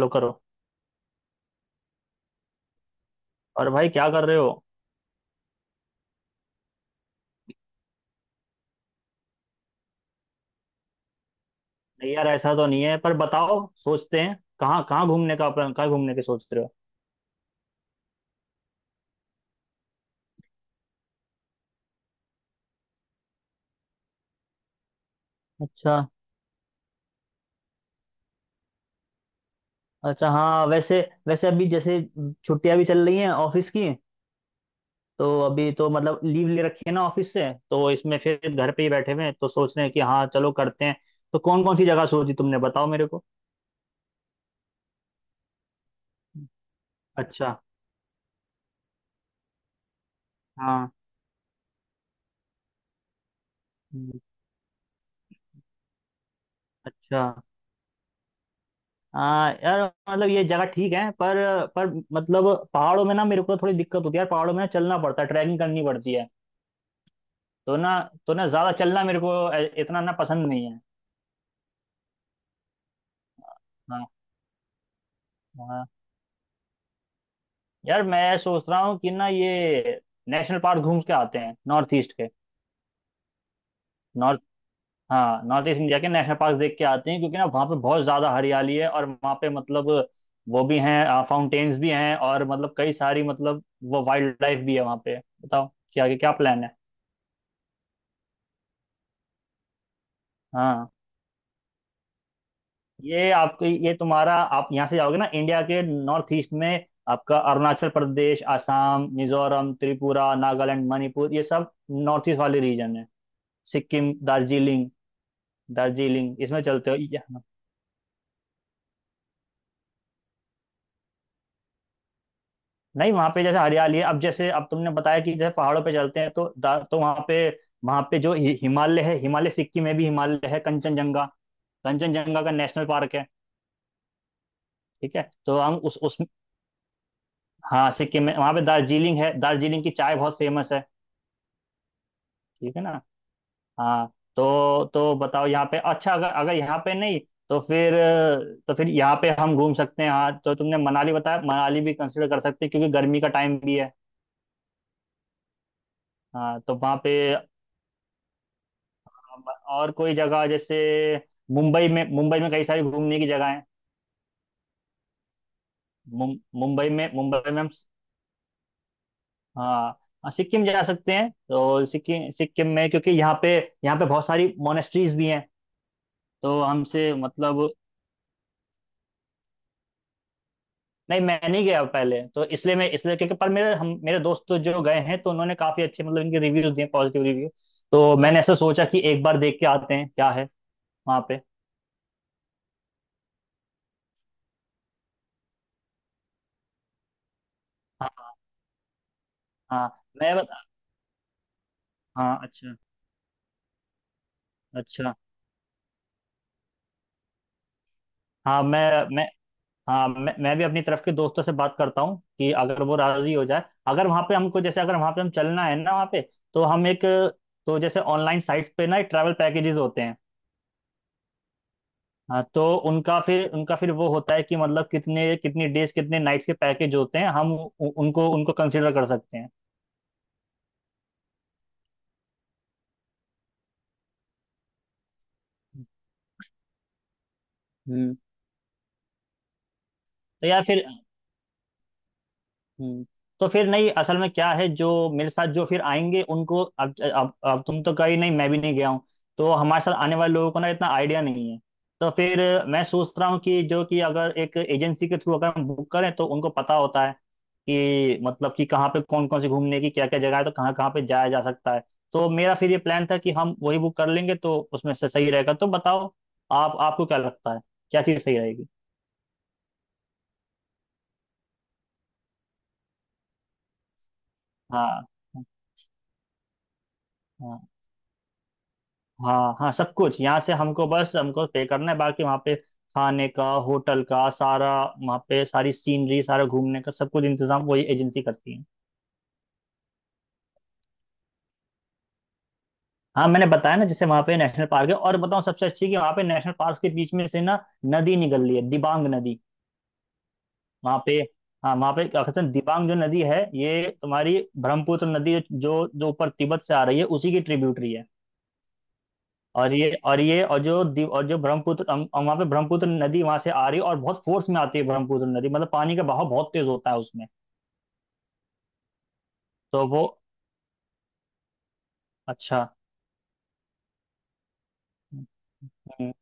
लो करो। और भाई क्या कर रहे हो? नहीं यार, ऐसा तो नहीं है पर बताओ। सोचते हैं। कहाँ कहाँ घूमने का प्लान कहाँ घूमने के सोच रहे हो? अच्छा। अच्छा हाँ, वैसे वैसे अभी जैसे छुट्टियां भी चल रही हैं ऑफिस की। तो अभी तो मतलब लीव ले रखी है ना ऑफिस से, तो इसमें फिर घर पे ही बैठे हुए हैं, तो सोच रहे हैं कि हाँ चलो करते हैं। तो कौन कौन सी जगह सोची तुमने, बताओ मेरे को। अच्छा। हाँ। हम्म, अच्छा, हाँ यार, मतलब ये जगह ठीक है पर, मतलब पहाड़ों में ना मेरे को थोड़ी दिक्कत होती है यार, पहाड़ों में ना चलना पड़ता है, ट्रैकिंग करनी पड़ती है। तो ना तो ना ज्यादा चलना मेरे को इतना ना पसंद नहीं है। हाँ, हाँ यार, मैं सोच रहा हूँ कि ना ये नेशनल पार्क घूम के आते हैं नॉर्थ ईस्ट के। नॉर्थ हाँ, नॉर्थ ईस्ट इंडिया के नेशनल पार्क देख के आते हैं, क्योंकि ना वहाँ पे बहुत ज्यादा हरियाली है और वहाँ पे मतलब वो भी हैं, फाउंटेन्स भी हैं, और मतलब कई सारी मतलब वो वाइल्ड लाइफ भी है वहाँ पे। बताओ क्या क्या प्लान है। हाँ, ये आपके ये तुम्हारा आप यहाँ से जाओगे ना। इंडिया के नॉर्थ ईस्ट में आपका अरुणाचल प्रदेश, आसाम, मिजोरम, त्रिपुरा, नागालैंड, मणिपुर, ये सब नॉर्थ ईस्ट वाले रीजन है। सिक्किम, दार्जिलिंग। इसमें चलते हो हाँ। नहीं, वहाँ पे जैसे हरियाली है। अब जैसे अब तुमने बताया कि जैसे पहाड़ों पे चलते हैं, तो वहाँ पे जो हिमालय है, हिमालय सिक्किम में भी हिमालय है, कंचनजंगा। कंचनजंगा का नेशनल पार्क है। ठीक है। तो हम उस हाँ, सिक्किम में वहाँ पे दार्जिलिंग है, दार्जिलिंग की चाय बहुत फेमस है, ठीक है ना? हाँ तो बताओ यहाँ पे। अच्छा, अगर अगर यहाँ पे नहीं, तो फिर यहाँ पे हम घूम सकते हैं। हाँ तो तुमने मनाली बताया, मनाली भी कंसिडर कर सकते हैं, क्योंकि गर्मी का टाइम भी है। हाँ तो वहाँ पे और कोई जगह जैसे मुंबई में, कई सारी घूमने की जगह है। मुं, मुंबई में हम हाँ। हाँ, सिक्किम जा सकते हैं, तो सिक्किम सिक्किम में, क्योंकि यहाँ पे बहुत सारी मोनेस्ट्रीज भी हैं। तो हमसे मतलब नहीं, मैं नहीं गया पहले, तो इसलिए मैं इसलिए क्योंकि पर मेरे हम मेरे दोस्त तो जो गए हैं, तो उन्होंने काफी अच्छे मतलब इनके रिव्यूज दिए, पॉजिटिव रिव्यू। तो मैंने ऐसा सोचा कि एक बार देख के आते हैं क्या है वहाँ पे। हाँ। हाँ मैं बता हाँ। अच्छा। अच्छा हाँ, मैं हाँ, मैं भी अपनी तरफ के दोस्तों से बात करता हूँ कि अगर वो राजी हो जाए, अगर वहाँ पे हमको जैसे अगर वहाँ पे हम चलना है ना वहाँ पे। तो हम एक तो जैसे ऑनलाइन साइट्स पे ना ट्रैवल पैकेजेस होते हैं। हाँ तो उनका फिर वो होता है कि मतलब कितने, कितनी डेज, कितने नाइट्स के पैकेज होते हैं, हम उनको उनको कंसिडर कर सकते हैं। हम्म तो यार फिर, हम्म तो फिर नहीं, असल में क्या है जो मेरे साथ जो फिर आएंगे उनको, अब तुम तो कहीं नहीं, मैं भी नहीं गया हूँ। तो हमारे साथ आने वाले लोगों को ना इतना आइडिया नहीं है। तो फिर मैं सोच रहा हूँ कि जो कि अगर एक एजेंसी के थ्रू अगर हम बुक करें, तो उनको पता होता है कि मतलब कि कहाँ पे कौन कौन सी घूमने की क्या क्या जगह है, तो कहाँ कहाँ पे जाया जा सकता है। तो मेरा फिर ये प्लान था कि हम वही बुक कर लेंगे, तो उसमें से सही रहेगा। तो बताओ आप आपको क्या लगता है, क्या चीज़ सही रहेगी। हाँ। हाँ। हाँ। हाँ, हाँ, सब कुछ यहाँ से हमको, बस हमको पे करना है, बाकी वहाँ पे खाने का, होटल का, सारा वहाँ पे सारी सीनरी, सारा घूमने का, सब कुछ इंतजाम वही एजेंसी करती है। हाँ, मैंने बताया ना जैसे वहाँ पे नेशनल पार्क है। और बताऊँ सबसे अच्छी कि वहाँ पे नेशनल पार्क के बीच में से ना नदी निकल रही है, दिबांग नदी। वहाँ पे हाँ, वहाँ पे क्या कहते हैं, दिबांग जो नदी है ये तुम्हारी ब्रह्मपुत्र नदी, जो जो ऊपर तिब्बत से आ रही है, उसी की ट्रिब्यूटरी है। और जो ब्रह्मपुत्र वहाँ पे, ब्रह्मपुत्र नदी वहां से आ रही है, और बहुत फोर्स में आती है ब्रह्मपुत्र नदी, मतलब पानी का बहाव बहुत तेज होता है उसमें। तो वो अच्छा। हम्म,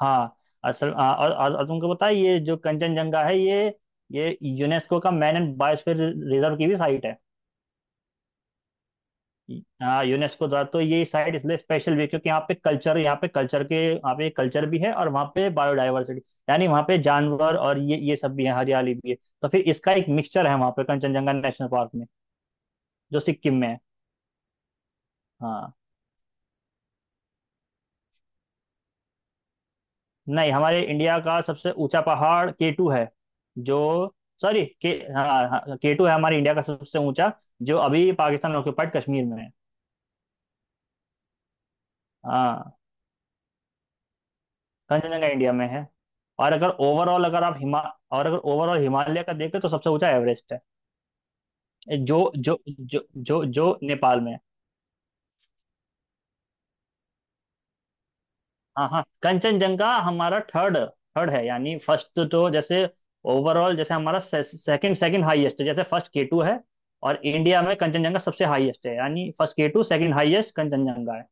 हाँ, असल हाँ, और तुमको पता है ये जो कंचनजंगा है ये यूनेस्को का मैन एंड बायोस्फीयर रिजर्व की भी साइट है। हाँ, यूनेस्को द्वारा तो ये साइट इसलिए स्पेशल भी है, क्योंकि यहाँ पे कल्चर भी है और वहाँ पे बायोडाइवर्सिटी। यानी वहाँ पे जानवर और ये सब भी है, हरियाली भी है। तो फिर इसका एक मिक्सचर है वहाँ पे कंचनजंगा नेशनल पार्क में, जो सिक्किम में है। हाँ। नहीं, हमारे इंडिया का सबसे ऊंचा पहाड़ केटू है। जो सॉरी, के हाँ, हाँ केटू है हमारे इंडिया का सबसे ऊंचा, जो अभी पाकिस्तान ऑक्यूपाइड कश्मीर में है। हाँ, कंचनजंगा इंडिया में है। और अगर ओवरऑल अगर आप हिमा और अगर ओवरऑल हिमालय का देखें तो सबसे ऊंचा एवरेस्ट है। जो जो जो जो जो नेपाल में है। हाँ। हाँ, कंचनजंगा हमारा थर्ड, है, यानी फर्स्ट तो जैसे ओवरऑल जैसे हमारा सेकंड सेकंड हाईएस्ट है, जैसे फर्स्ट केटू है। और इंडिया में कंचनजंगा सबसे हाईएस्ट है, यानी first K two, second highest Kanchenjunga है।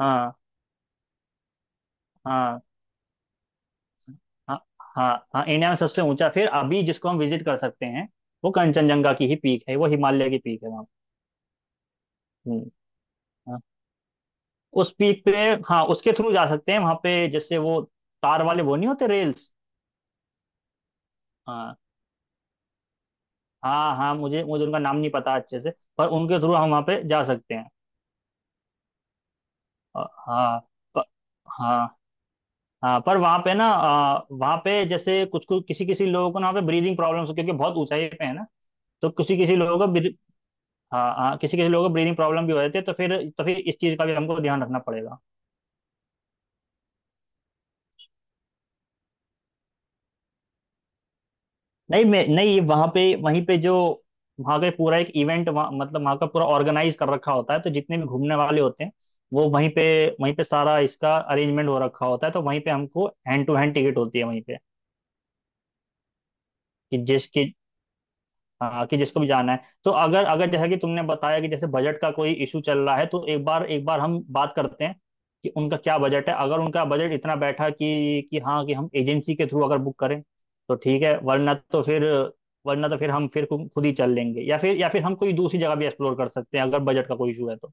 हाँ। हाँ। हाँ। हाँ, हाँ इंडिया में सबसे ऊंचा फिर अभी जिसको हम विजिट कर सकते हैं, वो कंचनजंगा की ही पीक है, वो हिमालय की पीक है वहाँ। हम्म। हाँ। उस पीक पे हाँ, उसके थ्रू जा सकते हैं वहां पे, जैसे वो तार वाले, वो नहीं होते, रेल्स। हाँ। हाँ, हाँ मुझे मुझे उनका नाम नहीं पता अच्छे से, पर उनके थ्रू हम वहाँ पे जा सकते हैं। अ, हाँ। प, हाँ, हाँ पर वहाँ पे ना वहाँ पे जैसे कुछ कुछ किसी किसी लोगों को ना वहाँ पे ब्रीदिंग प्रॉब्लम्स, क्योंकि बहुत ऊंचाई पे है ना। तो किसी किसी लोगों को ब्री- हाँ, हाँ किसी किसी लोगों को ब्रीदिंग प्रॉब्लम भी हो जाती है, तो फिर इस चीज़ का भी हमको ध्यान रखना पड़ेगा। नहीं, मैं नहीं वहां पे वहीं पे जो वहां का पूरा एक इवेंट, मतलब वहां का पूरा ऑर्गेनाइज कर रखा होता है, तो जितने भी घूमने वाले होते हैं वो वहीं पे सारा इसका अरेंजमेंट हो रखा होता है, तो वहीं पे हमको हैंड टू हैंड टिकट होती है वहीं पे। कि जिसकी हाँ, कि जिसको भी जाना है, तो अगर अगर जैसा कि तुमने बताया कि जैसे बजट का कोई इशू चल रहा है, तो एक बार हम बात करते हैं कि उनका क्या बजट है। अगर उनका बजट इतना बैठा कि हाँ कि हम एजेंसी के थ्रू अगर बुक करें तो ठीक है, वरना तो फिर हम फिर खुद ही चल लेंगे, या फिर हम कोई दूसरी जगह भी एक्सप्लोर कर सकते हैं, अगर बजट का कोई इशू है तो।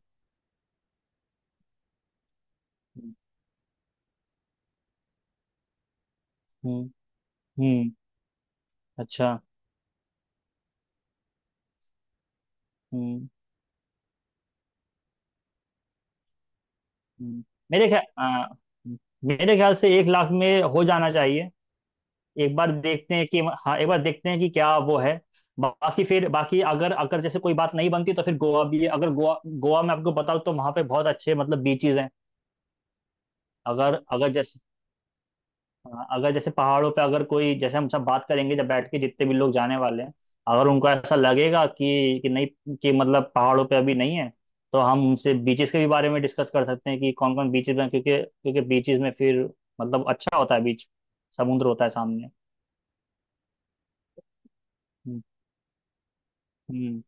हम्म। हम्म। अच्छा। हम्म। हम्म। मेरे ख्याल मेरे ख्याल से 1,00,000 में हो जाना चाहिए। एक बार देखते हैं कि क्या वो है। बाकी अगर अगर जैसे कोई बात नहीं बनती, तो फिर गोवा भी है। अगर गोवा गोवा में आपको बताऊँ, तो वहाँ पे बहुत अच्छे मतलब बीचेस हैं। अगर अगर जैसे हाँ, अगर जैसे पहाड़ों पे अगर कोई जैसे हम सब बात करेंगे जब बैठ के, जितने भी लोग जाने वाले हैं, अगर उनको ऐसा लगेगा कि नहीं, कि मतलब पहाड़ों पे अभी नहीं है, तो हम उनसे बीचेस के भी बारे में डिस्कस कर सकते हैं कि कौन कौन बीचेस हैं, क्योंकि क्योंकि बीचेस में फिर मतलब अच्छा होता है बीच, समुद्र होता है सामने। हम्म। हम्म।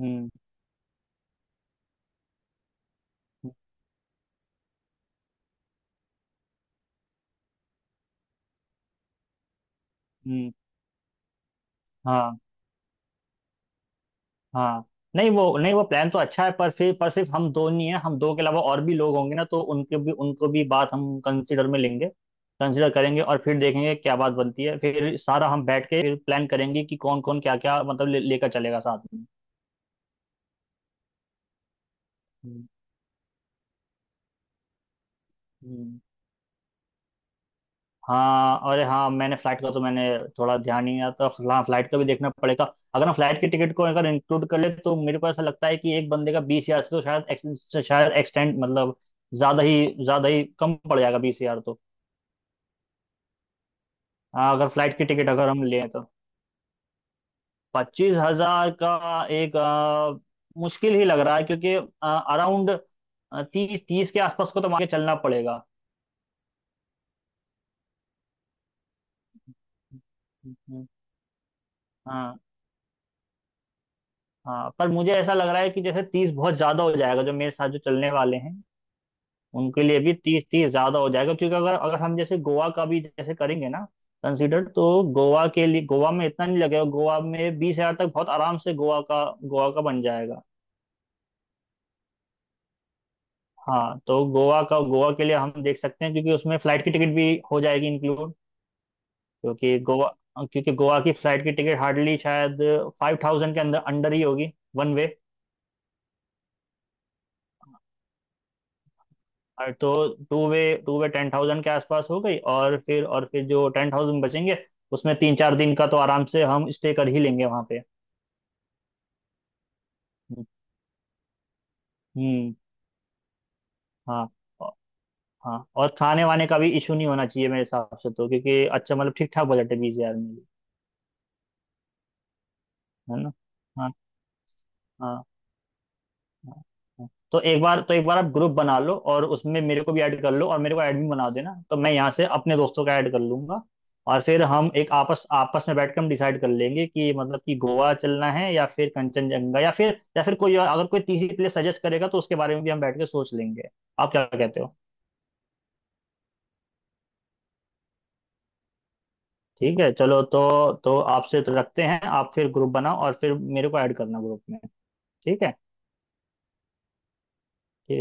हम्म। हम्म। हाँ। हाँ, नहीं वो प्लान तो अच्छा है, पर फिर पर सिर्फ हम दो नहीं है, हम दो के अलावा और भी लोग होंगे ना, तो उनके भी उनको भी बात हम कंसिडर में लेंगे, कंसिडर करेंगे, और फिर देखेंगे क्या बात बनती है, फिर सारा हम बैठ के फिर प्लान करेंगे कि कौन कौन क्या क्या मतलब लेकर चलेगा साथ में। हम्म। हम्म। हाँ, अरे हाँ, मैंने फ्लाइट का तो मैंने थोड़ा ध्यान नहीं आता। हाँ, फ्लाइट का भी देखना पड़ेगा। अगर हम फ्लाइट की टिकट को अगर इंक्लूड कर ले, तो मेरे को ऐसा लगता है कि एक बंदे का 20,000 से तो शायद एक्सटेंड, मतलब ज्यादा ही कम पड़ जाएगा, 20,000 तो। हाँ, अगर फ्लाइट की टिकट अगर हम लें तो 25,000 का एक मुश्किल ही लग रहा है, क्योंकि अराउंड तीस 30 के आसपास को तो आगे चलना पड़ेगा। हम्म, हाँ। हाँ, पर मुझे ऐसा लग रहा है कि जैसे 30 बहुत ज्यादा हो जाएगा, जो मेरे साथ जो चलने वाले हैं उनके लिए भी तीस 30 ज्यादा हो जाएगा, क्योंकि अगर अगर हम जैसे गोवा का भी जैसे करेंगे ना, कंसीडर, तो गोवा के लिए गोवा में इतना नहीं लगेगा, गोवा में 20,000 तक बहुत आराम से गोवा का बन जाएगा। हाँ, तो गोवा के लिए हम देख सकते हैं, क्योंकि उसमें फ्लाइट की टिकट भी हो जाएगी इंक्लूड। क्योंकि गोवा क्योंकि गोवा की फ्लाइट की टिकट हार्डली शायद 5,000 के अंदर अंडर ही होगी, वन वे। और तो टू वे 10,000 के आसपास हो गई, और फिर जो 10,000 बचेंगे उसमें 3 4 दिन का तो आराम से हम स्टे कर ही लेंगे वहाँ पे। हम्म। हाँ। औ- हाँ, और खाने वाने का भी इशू नहीं होना चाहिए मेरे हिसाब से तो, क्योंकि अच्छा मतलब ठीक ठाक बजट है 20,000 में भी, है ना? हाँ। हाँ। हाँ। तो एक बार आप ग्रुप बना लो और उसमें मेरे को भी ऐड कर लो, और मेरे को एडमिन बना देना, तो मैं यहाँ से अपने दोस्तों का ऐड कर लूंगा। और फिर हम एक आपस आपस में बैठ कर हम डिसाइड कर लेंगे कि मतलब कि गोवा चलना है या फिर कंचनजंगा, या फिर कोई अगर कोई तीसरी प्लेस सजेस्ट करेगा, तो उसके बारे में भी हम बैठ के सोच लेंगे। आप क्या कहते हो? ठीक है, चलो, तो आपसे तो रखते हैं। आप फिर ग्रुप बनाओ और फिर मेरे को ऐड करना ग्रुप में। ठीक है। ठीक है।